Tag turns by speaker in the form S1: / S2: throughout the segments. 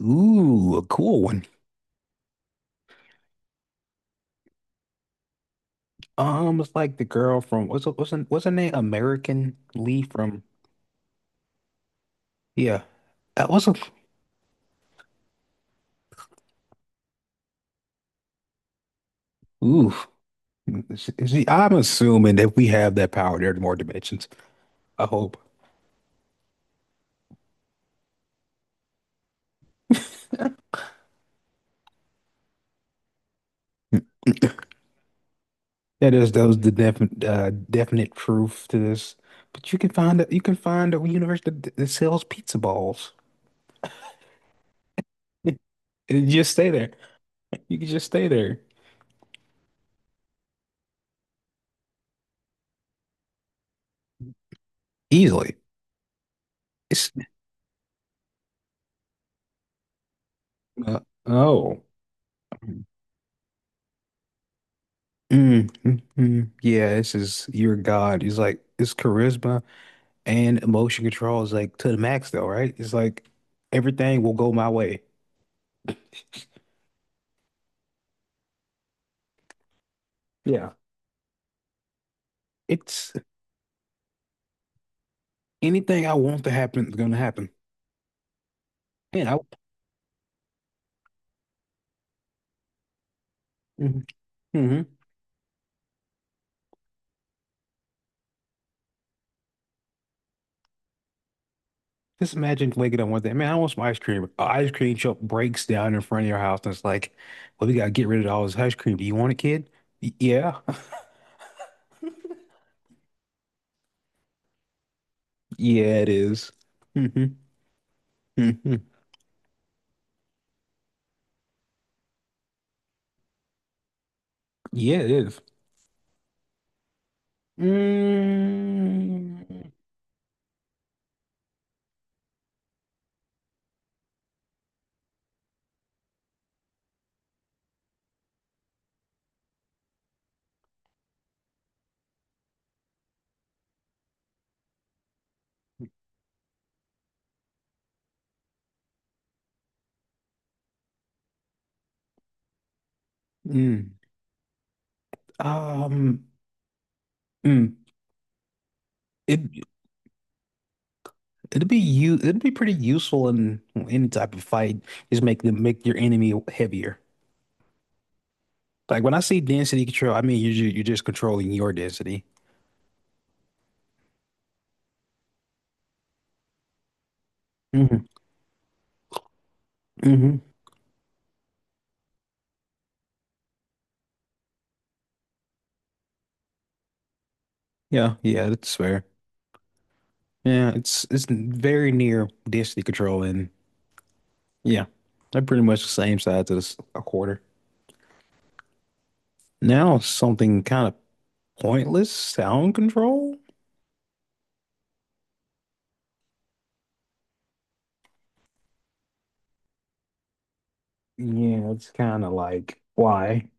S1: Ooh, a cool one. It's like the girl from what's her name? American Lee from yeah. That was a ooh. I'm assuming that we have that power. There are more dimensions. I hope that was the definite definite proof to this. But you can find you can find a universe that sells pizza balls. And you just stay there. You can just stay there easily. It's uh, oh. Mm. Yeah, this is your God. It's like it's charisma and emotion control is like to the max though, right? It's like everything will go my way. Yeah. It's anything I want to happen is gonna happen. Man, I mm-hmm. Just imagine waking up one day. Man, I want some ice cream. An ice cream shop breaks down in front of your house and it's like, well, we gotta get rid of all this ice cream. Do you want it, kid? Yeah. Yeah, it is. Mm-hmm. Mm-hmm. Yeah, it is. Mm, mm, um, mm. It it'd be pretty useful in any type of fight. Just make your enemy heavier. Like when I say density control, I mean you're just controlling your density. Hmm hmm Yeah, yeah, that's fair. Yeah, it's very near density control, and yeah, they're pretty much the same size as a quarter. Now something kind of pointless, sound control. Yeah, it's kind of like why.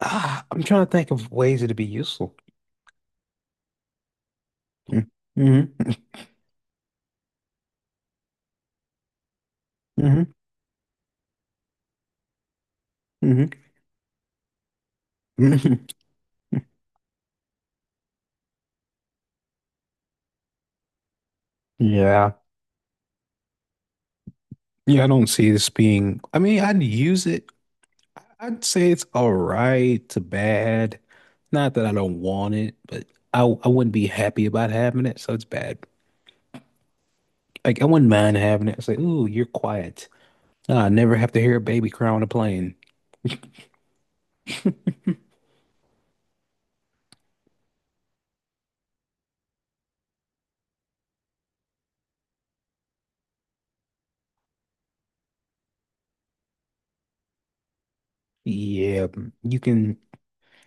S1: Ah, I'm trying to think of ways it'd be useful. Mm-hmm. Mm-hmm. Mm-hmm. Yeah. Yeah, I don't see this being. I mean, I'd use it. I'd say it's all right to bad. Not that I don't want it, but I wouldn't be happy about having it, so it's bad. Like I wouldn't mind having it. It's like, ooh, you're quiet. Ah, I never have to hear a baby cry on a plane. Yeah, you can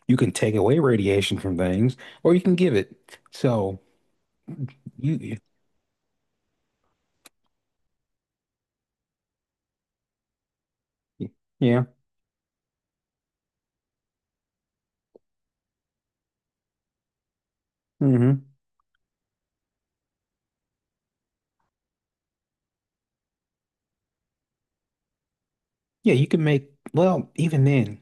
S1: you can take away radiation from things, or you can give it. So you, yeah. hmm Yeah, you can make, well, even then.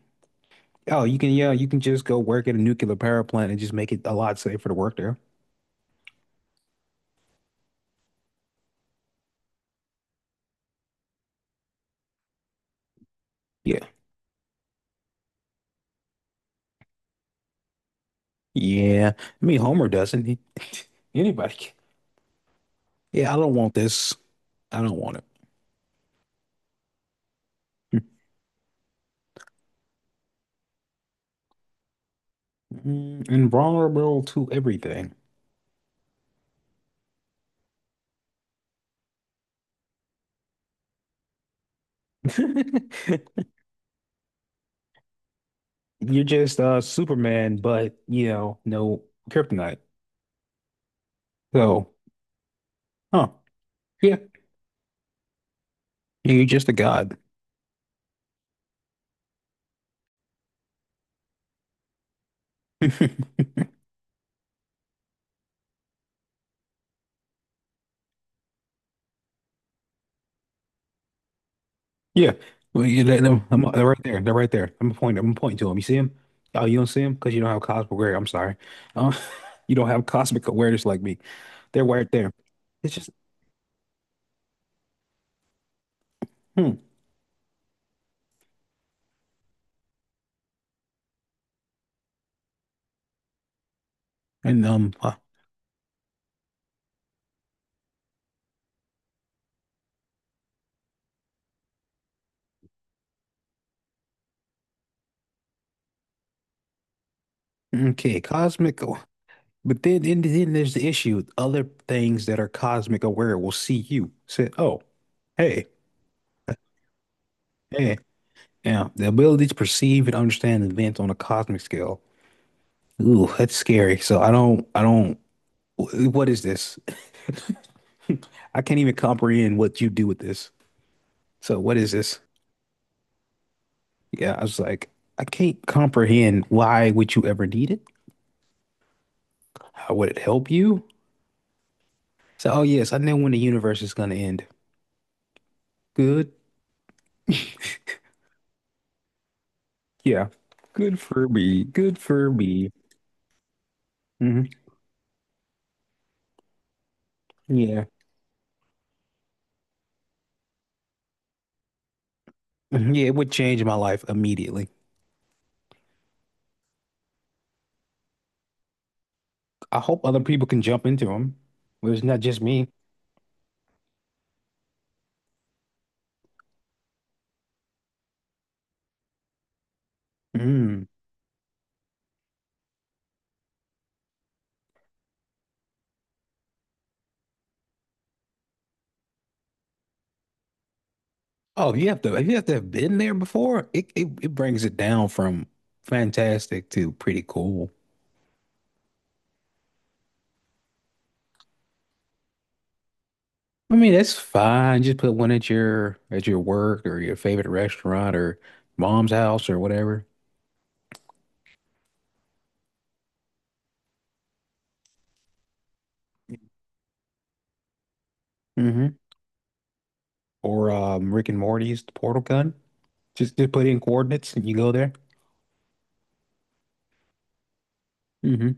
S1: Oh, you can, yeah, you can just go work at a nuclear power plant and just make it a lot safer to work there. Yeah. Yeah. I mean, Homer doesn't. He, anybody can. Yeah, I don't want this. I don't want it. Mm, invulnerable to everything. You're just Superman, but you know, no kryptonite. So, huh. Yeah. You're just a god. Yeah, well, you let them. I'm, they're right there. They're right there. I'm pointing. I'm pointing to them. You see them? Oh, you don't see them because you don't have cosmic awareness. I'm sorry. Um, you don't have cosmic awareness like me. They're right there. It's just hmm. And okay, cosmic. But then, and then there's the issue. Other things that are cosmic aware will see you. Say, oh, hey, hey. Now, the ability to perceive and understand events on a cosmic scale. Ooh, that's scary. I don't. What is this? I can't even comprehend what you do with this. So what is this? Yeah, I was like, I can't comprehend why would you ever need it? How would it help you? So, oh yes, I know when the universe is gonna end. Good. Yeah. Good for me. Good for me. Hmm Yeah. Mhm. Yeah, it would change my life immediately. I hope other people can jump into them. It's not just me. Mm. Oh, you have to have been there before. It brings it down from fantastic to pretty cool. I mean, that's fine. Just put one at your work or your favorite restaurant or mom's house or whatever. Hmm Or Rick and Morty's the Portal Gun. Just put in coordinates and you go there. Hmm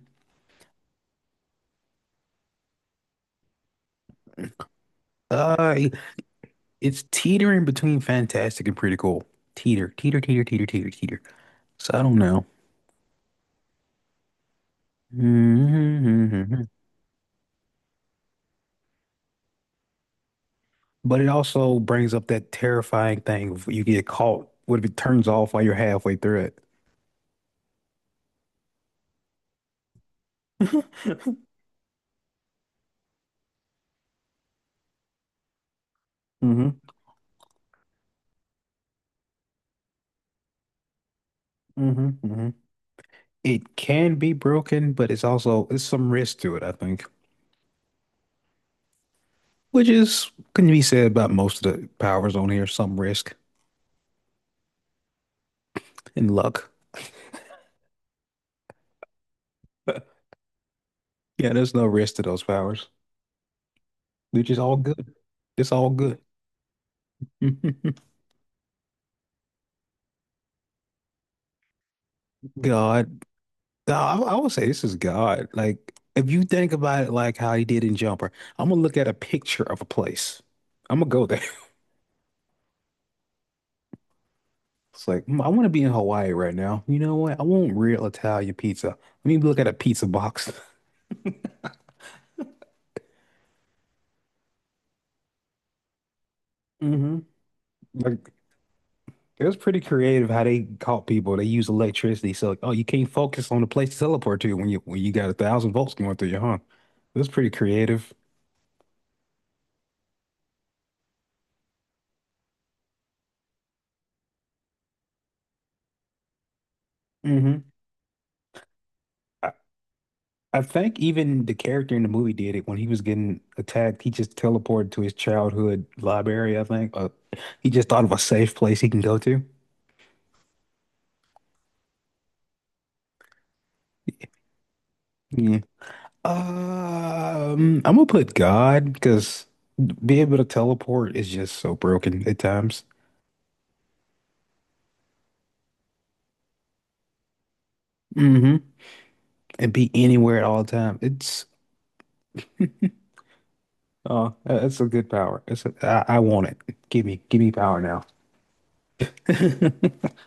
S1: Uh, it- it's teetering between fantastic and pretty cool. Teeter, teeter, teeter, teeter, teeter, teeter. So I don't know. Hmm But it also brings up that terrifying thing if you get caught. What if it turns off while you're halfway through it? hmm hmm hmm It can be broken, but it's also it's some risk to it, I think, which is can be said about most of the powers on here, some risk and luck. Yeah, there's no risk to those powers. They're just all good. It's all good. God, no, I would say this is God. Like, if you think about it, like how he did in Jumper, I'm gonna look at a picture of a place. I'm gonna go there. It's like mm, I want to be in Hawaii right now. You know what? I want real Italian pizza. Let me look at a pizza box. hmm Like, it was pretty creative how they caught people. They use electricity. So like, oh, you can't focus on the place to teleport to when you got 1,000 volts going through you, huh? It was pretty creative. Hmm I, I think even the character in the movie did it when he was getting attacked. He just teleported to his childhood library, I think. He just thought of a safe place he can go to. Yeah. I'm gonna put God because being able to teleport is just so broken at times hmm and be anywhere at all time. It's Oh, that's a good power. I want it. Give me power now.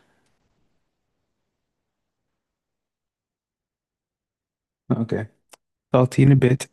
S1: Okay. Talk to you in a bit.